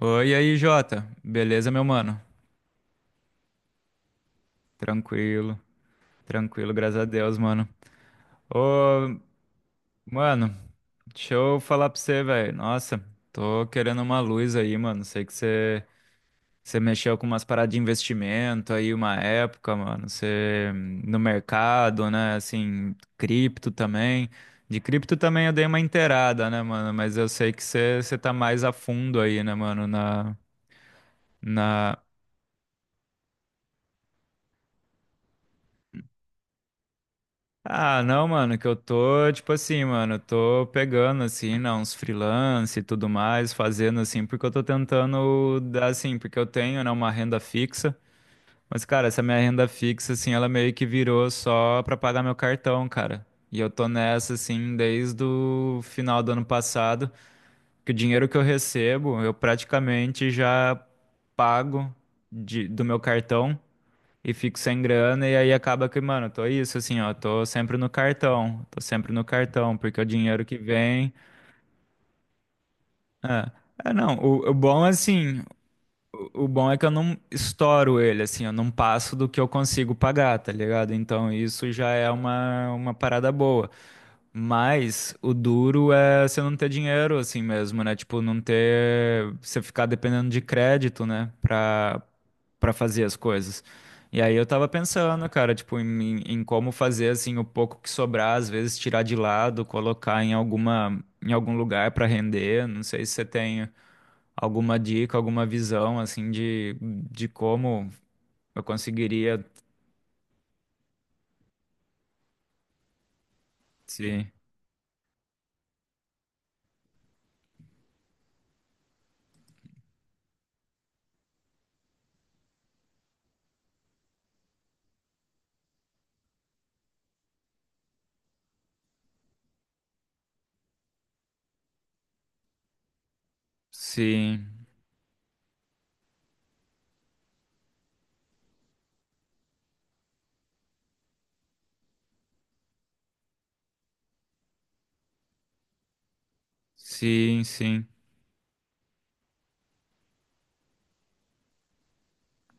Oi, e aí, Jota. Beleza, meu mano? Tranquilo, tranquilo, graças a Deus, mano. Ô, mano, deixa eu falar pra você, velho. Nossa, tô querendo uma luz aí, mano. Sei que você mexeu com umas paradas de investimento aí uma época, mano. Você no mercado, né? Assim, cripto também. De cripto também eu dei uma inteirada, né, mano? Mas eu sei que você tá mais a fundo aí, né, mano, na. Ah, não, mano, que eu tô, tipo assim, mano, eu tô pegando, assim, né, uns freelance e tudo mais, fazendo, assim, porque eu tô tentando dar, assim, porque eu tenho, né, uma renda fixa, mas, cara, essa minha renda fixa, assim, ela meio que virou só pra pagar meu cartão, cara. E eu tô nessa, assim, desde o final do ano passado, que o dinheiro que eu recebo, eu praticamente já pago do meu cartão e fico sem grana, e aí acaba que, mano, eu tô isso, assim, ó, tô sempre no cartão, tô sempre no cartão, porque é o dinheiro que vem. É, é não, o bom é assim, o bom é que eu não estouro ele, assim, eu não passo do que eu consigo pagar, tá ligado? Então isso já é uma parada boa. Mas o duro é você não ter dinheiro assim mesmo, né? Tipo, não ter. Você ficar dependendo de crédito, né? Para fazer as coisas. E aí eu tava pensando, cara, tipo, em como fazer assim o pouco que sobrar, às vezes tirar de lado, colocar em alguma em algum lugar para render. Não sei se você tem alguma dica, alguma visão assim de como eu conseguiria se sim, sim, sim.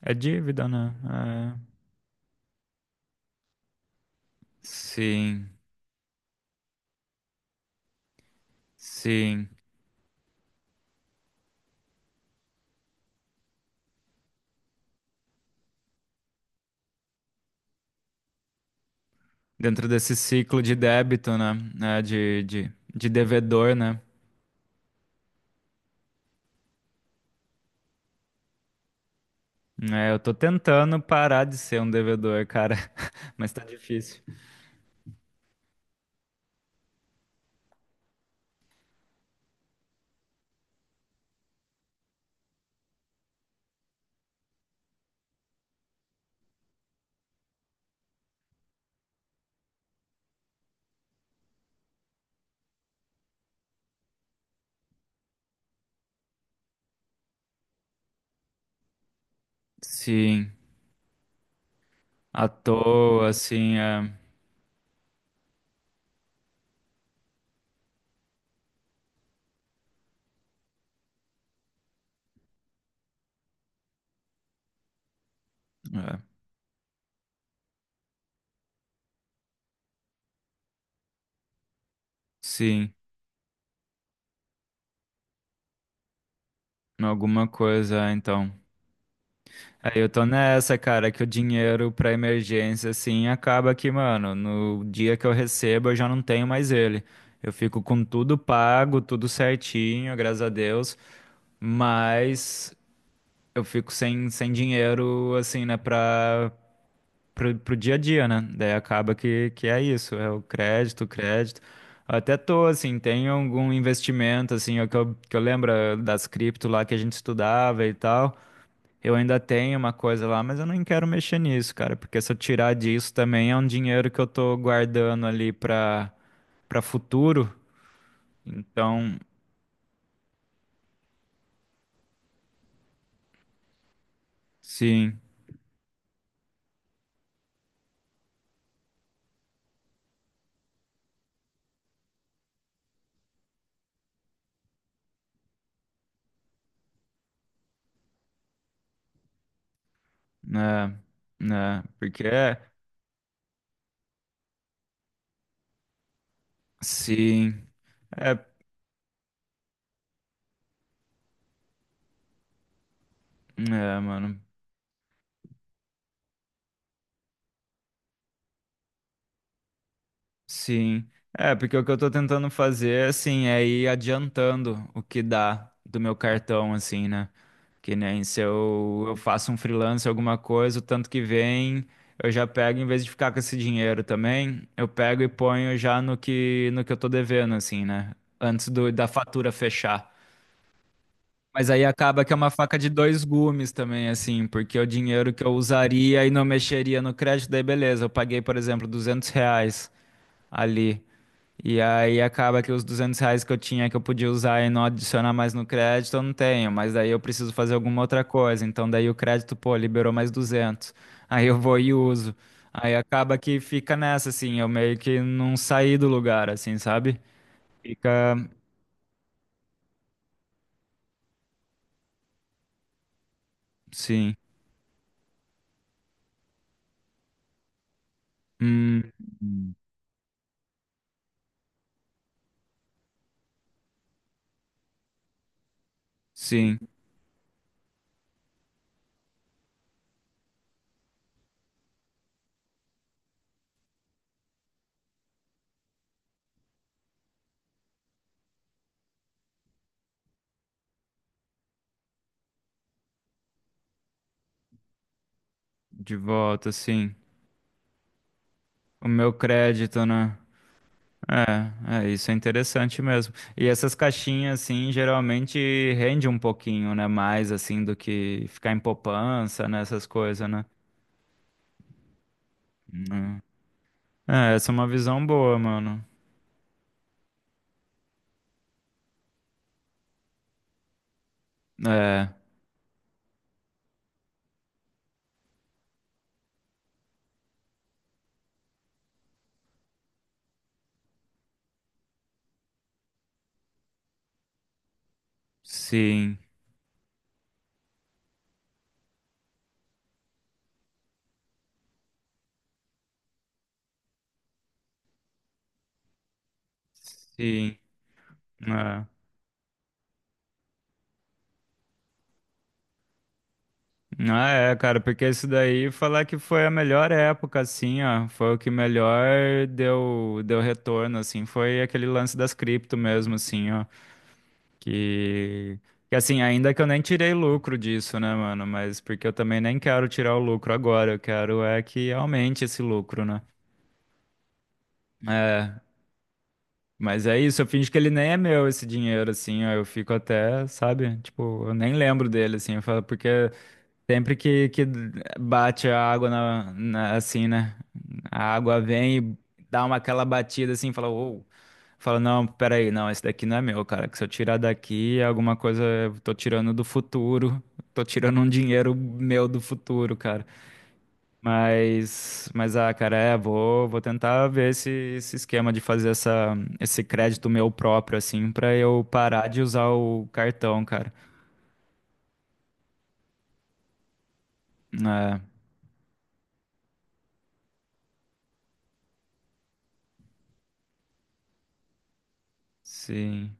É dívida, né? É. Sim, sim. Dentro desse ciclo de débito, né? É, de devedor, né? É, eu tô tentando parar de ser um devedor, cara, mas tá difícil. Sim, à toa, assim, é, é, sim, alguma coisa, então. Aí eu tô nessa, cara, que o dinheiro pra emergência, assim, acaba que, mano, no dia que eu recebo eu já não tenho mais ele. Eu fico com tudo pago, tudo certinho, graças a Deus, mas eu fico sem dinheiro, assim, né, pra pro dia a dia, né? Daí acaba que é isso, é o crédito, o crédito. Até tô, assim, tem algum investimento, assim, é o que eu lembro das cripto lá que a gente estudava e tal. Eu ainda tenho uma coisa lá, mas eu não quero mexer nisso, cara, porque se eu tirar disso também é um dinheiro que eu tô guardando ali pra, pra futuro. Então, sim, né, né, porque é, sim, é, é, mano. Sim. É, porque o que eu tô tentando fazer, assim, é ir adiantando o que dá do meu cartão, assim, né? Que nem se eu faço um freelance, alguma coisa, o tanto que vem, eu já pego, em vez de ficar com esse dinheiro também, eu pego e ponho já no que, no que eu tô devendo, assim, né? Antes do, da fatura fechar. Mas aí acaba que é uma faca de dois gumes também, assim, porque o dinheiro que eu usaria e não mexeria no crédito, daí beleza, eu paguei, por exemplo, 200 reais ali. E aí acaba que os 200 reais que eu tinha que eu podia usar e não adicionar mais no crédito, eu não tenho, mas daí eu preciso fazer alguma outra coisa. Então daí o crédito, pô, liberou mais duzentos. Aí eu vou e uso. Aí acaba que fica nessa, assim, eu meio que não saí do lugar, assim, sabe? Fica, sim. Hum, sim, de volta, sim. O meu crédito, né? É, é, isso é interessante mesmo. E essas caixinhas, assim, geralmente rende um pouquinho, né? Mais, assim, do que ficar em poupança, né? Essas coisas, né? Hum. É, essa é uma visão boa, mano. É, sim, sim. É. Ah, é, cara, porque isso daí, falar que foi a melhor época, assim, ó, foi o que melhor deu, deu retorno, assim, foi aquele lance das cripto mesmo, assim, ó. Que, que assim, ainda que eu nem tirei lucro disso, né, mano? Mas porque eu também nem quero tirar o lucro agora, eu quero é que aumente esse lucro, né? É, mas é isso, eu finjo que ele nem é meu esse dinheiro, assim, ó, eu fico até, sabe? Tipo, eu nem lembro dele, assim, eu falo, porque sempre que bate a água na, na- assim, né? A água vem e dá uma aquela batida assim, fala, uou. Fala, não, peraí, não, esse daqui não é meu, cara. Que se eu tirar daqui, é alguma coisa eu tô tirando do futuro. Tô tirando um dinheiro meu do futuro, cara. Mas ah, cara, é, vou tentar ver esse, esse esquema de fazer essa, esse crédito meu próprio, assim, pra eu parar de usar o cartão, cara. É, sim.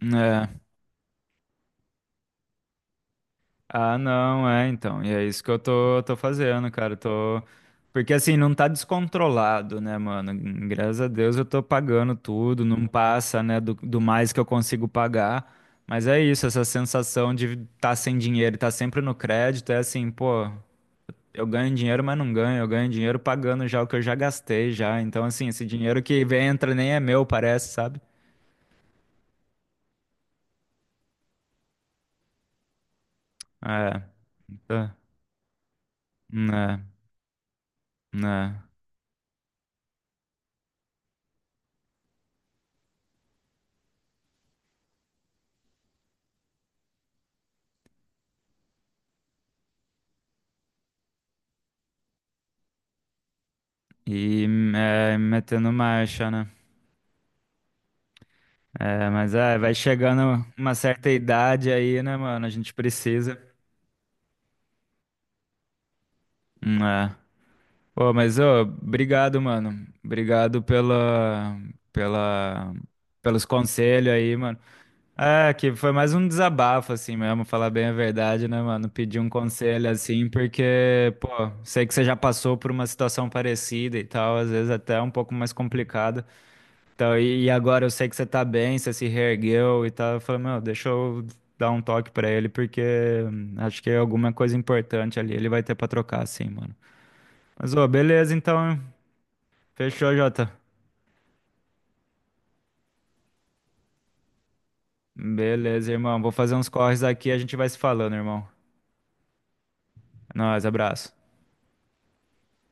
É. Ah, não, é, então. E é isso que eu tô fazendo, cara. Eu tô... Porque assim, não tá descontrolado, né, mano? Graças a Deus eu tô pagando tudo, não passa, né, do, do mais que eu consigo pagar. Mas é isso, essa sensação de tá sem dinheiro, e tá sempre no crédito, é assim, pô, eu ganho dinheiro, mas não ganho. Eu ganho dinheiro pagando já o que eu já gastei já. Então, assim, esse dinheiro que vem, entra nem é meu, parece, sabe? É, tá, né, né. E é, metendo marcha, né? É, mas é, vai chegando uma certa idade aí, né, mano? A gente precisa. É. Pô, mas ô, obrigado, mano. Obrigado pela, pela, pelos conselhos aí, mano. É, que foi mais um desabafo, assim mesmo, falar bem a verdade, né, mano? Pedir um conselho assim, porque, pô, sei que você já passou por uma situação parecida e tal, às vezes até um pouco mais complicada. Então, e agora eu sei que você tá bem, você se reergueu e tá, eu falei, meu, deixa eu dar um toque pra ele, porque acho que é alguma coisa importante ali, ele vai ter pra trocar, assim, mano. Mas, ô, beleza, então, fechou, Jota. Beleza, irmão, vou fazer uns corres aqui, e a gente vai se falando, irmão. É nóis, abraço.